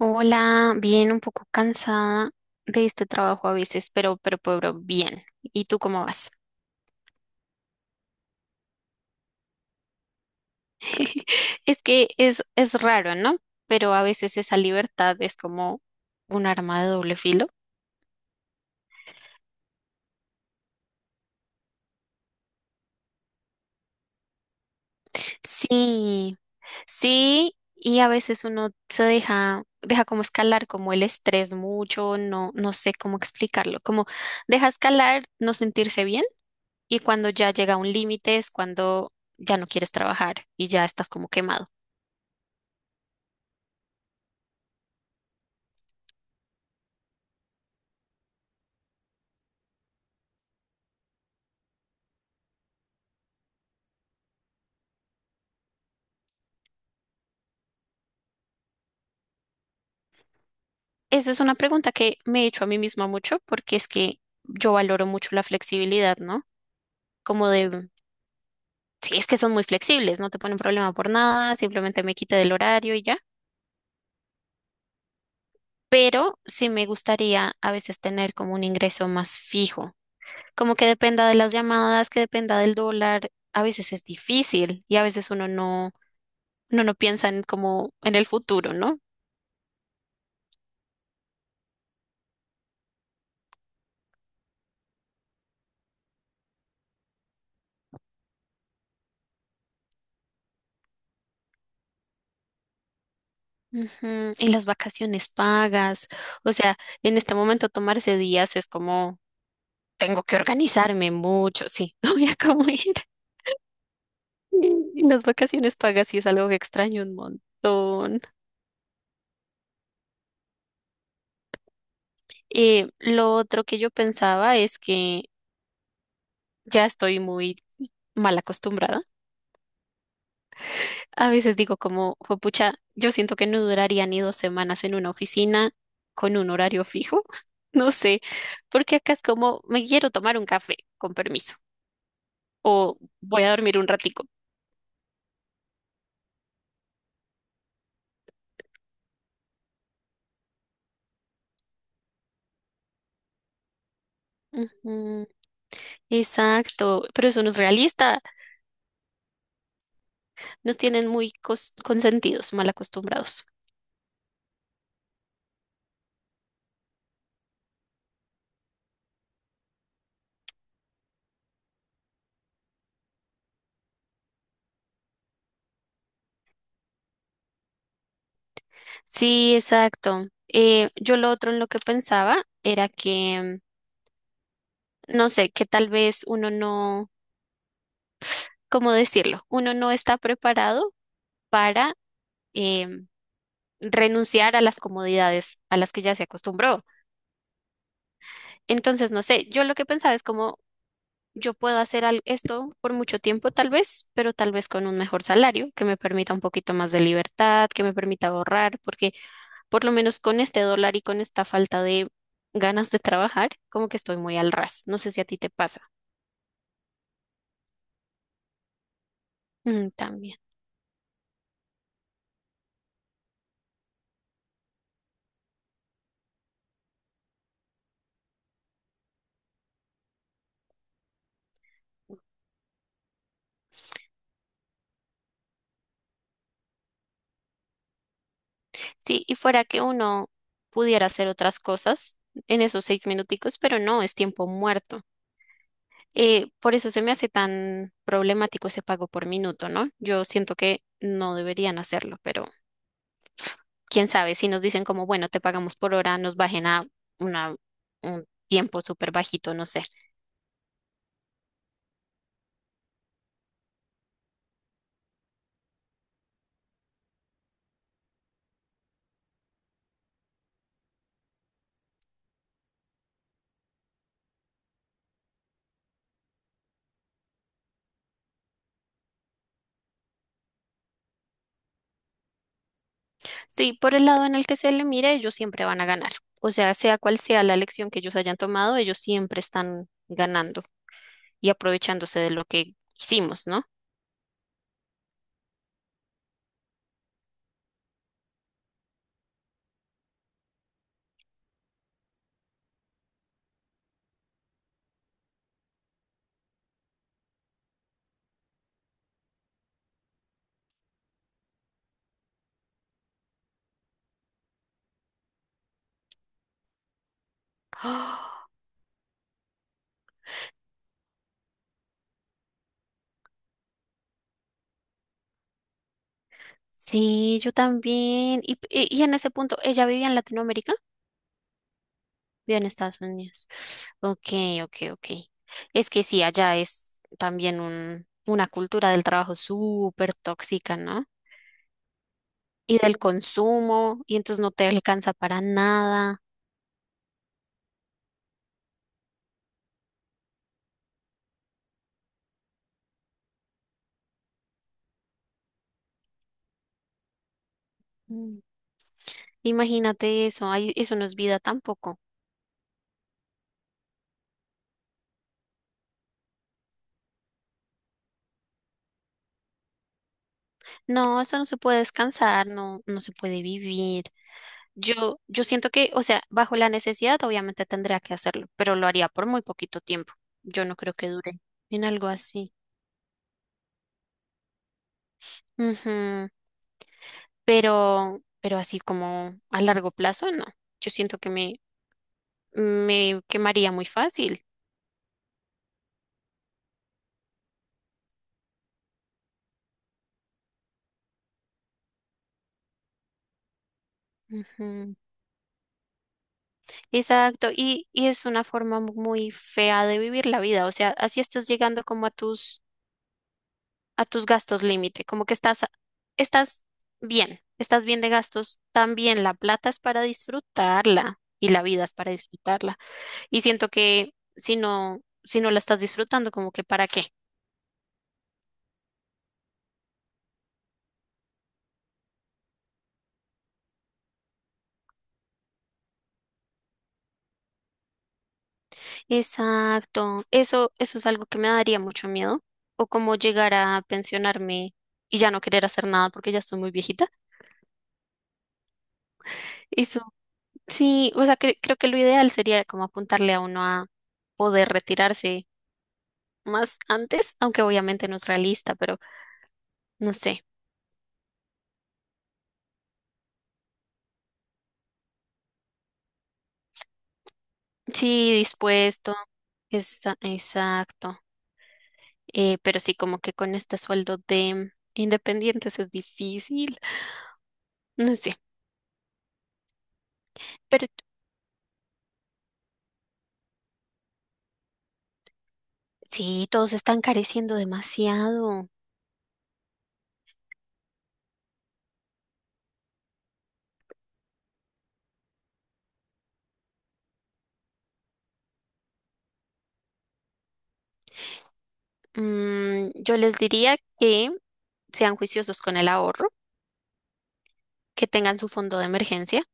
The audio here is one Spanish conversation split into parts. Hola, bien, un poco cansada de este trabajo a veces, pero bien. ¿Y tú cómo vas? Es que es raro, ¿no? Pero a veces esa libertad es como un arma de doble filo. Sí, sí, y a veces uno se deja como escalar como el estrés mucho, no, no sé cómo explicarlo, como deja escalar, no sentirse bien, y cuando ya llega un límite es cuando ya no quieres trabajar y ya estás como quemado. Esa es una pregunta que me he hecho a mí misma mucho porque es que yo valoro mucho la flexibilidad, ¿no? Como de, mm, sí, es que son muy flexibles, no te ponen problema por nada, simplemente me quita del horario y ya. Pero sí me gustaría a veces tener como un ingreso más fijo, como que dependa de las llamadas, que dependa del dólar. A veces es difícil y a veces uno no piensa en como en el futuro, ¿no? Ujú. Y las vacaciones pagas, o sea, en este momento tomarse días es como tengo que organizarme mucho, sí, no voy a comer. Y las vacaciones pagas sí es algo que extraño un montón. Lo otro que yo pensaba es que ya estoy muy mal acostumbrada. A veces digo como, pucha, yo siento que no duraría ni 2 semanas en una oficina con un horario fijo. No sé, porque acá es como, me quiero tomar un café, con permiso, o voy a dormir un ratico. Mm, exacto, pero eso no es realista. Nos tienen muy consentidos, mal acostumbrados. Sí, exacto. Yo lo otro en lo que pensaba era que, no sé, que tal vez uno no, ¿cómo decirlo? Uno no está preparado para em, renunciar a las comodidades a las que ya se acostumbró. Entonces, no sé, yo lo que pensaba es como yo puedo hacer esto por mucho tiempo tal vez, pero tal vez con un mejor salario que me permita un poquito más de libertad, que me permita ahorrar, porque por lo menos con este dólar y con esta falta de ganas de trabajar, como que estoy muy al ras. No sé si a ti te pasa. Mm, también. Sí, y fuera que uno pudiera hacer otras cosas en esos 6 minuticos, pero no, es tiempo muerto. Por eso se me hace tan problemático ese pago por minuto, ¿no? Yo siento que no deberían hacerlo, pero quién sabe, si nos dicen como, bueno, te pagamos por hora, nos bajen a una, un tiempo súper bajito, no sé. Sí, por el lado en el que se le mire, ellos siempre van a ganar. O sea, sea cual sea la elección que ellos hayan tomado, ellos siempre están ganando y aprovechándose de lo que hicimos, ¿no? ¡Ah! Sí, yo también. Y en ese punto, ¿ella vivía en Latinoamérica? Vivía en Estados Unidos. Ok, ok, ok. Es que sí, allá es también una cultura del trabajo súper tóxica, ¿no? Y del consumo, y entonces no te alcanza para nada. Imagínate eso, ay, eso no es vida tampoco. No, eso no se puede descansar, no, no se puede vivir. Yo siento que, o sea, bajo la necesidad obviamente tendría que hacerlo, pero lo haría por muy poquito tiempo. Yo no creo que dure en algo así. Ujú. Pero así como a largo plazo, no. Yo siento que me quemaría muy fácil. Ujú. Exacto, y es una forma muy fea de vivir la vida, o sea, así estás llegando como a tus gastos límite, como que estás bien, estás bien de gastos también. La plata es para disfrutarla y la vida es para disfrutarla. Y siento que si no la estás disfrutando, como que para qué. Exacto. Eso es algo que me daría mucho miedo. O como llegar a pensionarme y ya no querer hacer nada porque ya estoy muy viejita. Eso, sí, o sea, creo que lo ideal sería como apuntarle a uno a poder retirarse más antes, aunque obviamente no es realista, pero no sé. Sí, dispuesto. Exacto. Pero sí, como que con este sueldo de independientes es difícil. No sé. Pero sí, todos están careciendo demasiado. Yo les diría que sean juiciosos con el ahorro, que tengan su fondo de emergencia,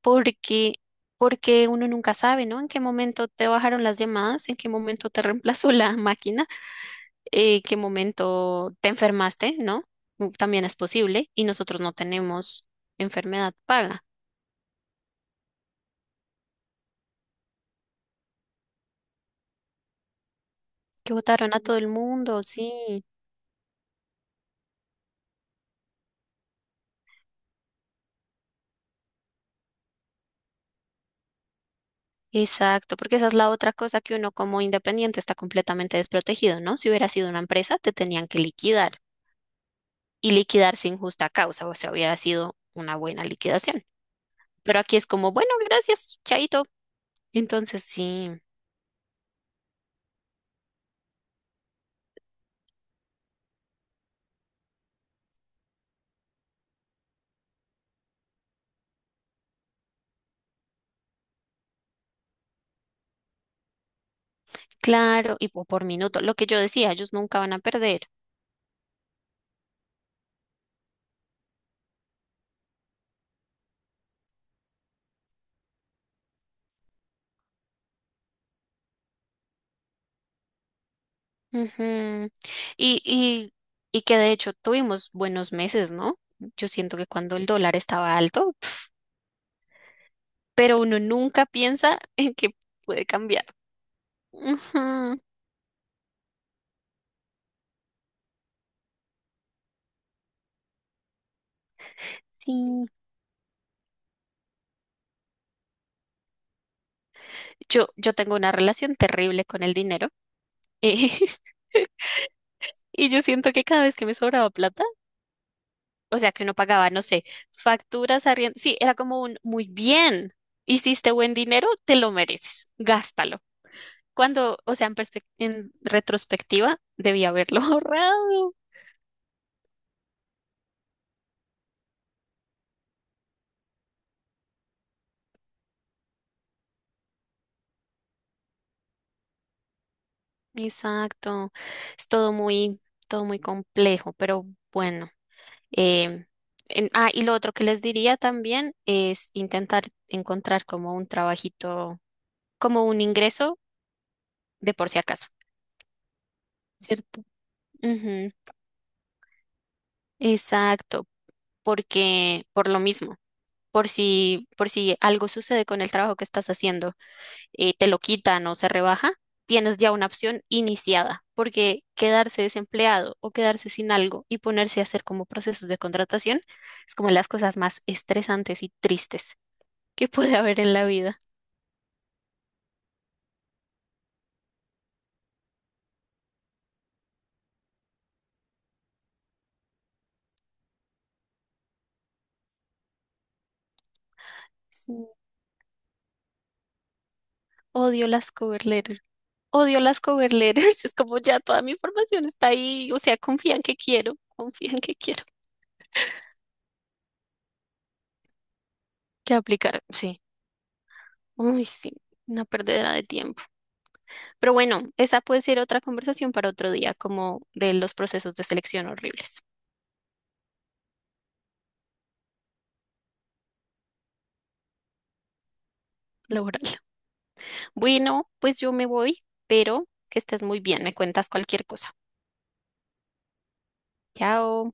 porque, porque uno nunca sabe, ¿no? En qué momento te bajaron las llamadas, en qué momento te reemplazó la máquina. Qué momento te enfermaste, ¿no? También es posible y nosotros no tenemos enfermedad paga. Que votaron a todo el mundo, sí. Exacto, porque esa es la otra cosa que uno como independiente está completamente desprotegido, ¿no? Si hubiera sido una empresa, te tenían que liquidar y liquidar sin justa causa, o sea, hubiera sido una buena liquidación. Pero aquí es como, bueno, gracias, chaito. Entonces, sí, claro, y por minuto, lo que yo decía, ellos nunca van a perder. Ujú. Y, y, y que de hecho tuvimos buenos meses, ¿no? Yo siento que cuando el dólar estaba alto, pero uno nunca piensa en que puede cambiar. Ujú. Sí. Yo tengo una relación terrible con el dinero eh, y yo siento que cada vez que me sobraba plata, o sea, que uno pagaba, no sé, facturas, arriendo, sí, era como un muy bien, hiciste buen dinero, te lo mereces, gástalo. Cuando, o sea, en retrospectiva, debía haberlo ahorrado. Exacto, es todo muy complejo, pero bueno. em, y lo otro que les diría también es intentar encontrar como un trabajito, como un ingreso de por si acaso, ¿cierto? Ujú. Exacto, porque por lo mismo, por si algo sucede con el trabajo que estás haciendo. Te lo quitan o se rebaja, tienes ya una opción iniciada, porque quedarse desempleado o quedarse sin algo y ponerse a hacer como procesos de contratación es como las cosas más estresantes y tristes que puede haber en la vida. Sí. Odio las cover letters. Odio las cover letters. Es como ya toda mi información está ahí. O sea, confían que quiero. Confían que quiero. Que aplicar. Sí. Uy, sí. Una perdedera de tiempo. Pero bueno, esa puede ser otra conversación para otro día, como de los procesos de selección horribles laboral. Bueno, pues yo me voy, pero que estés muy bien, me cuentas cualquier cosa. Chao.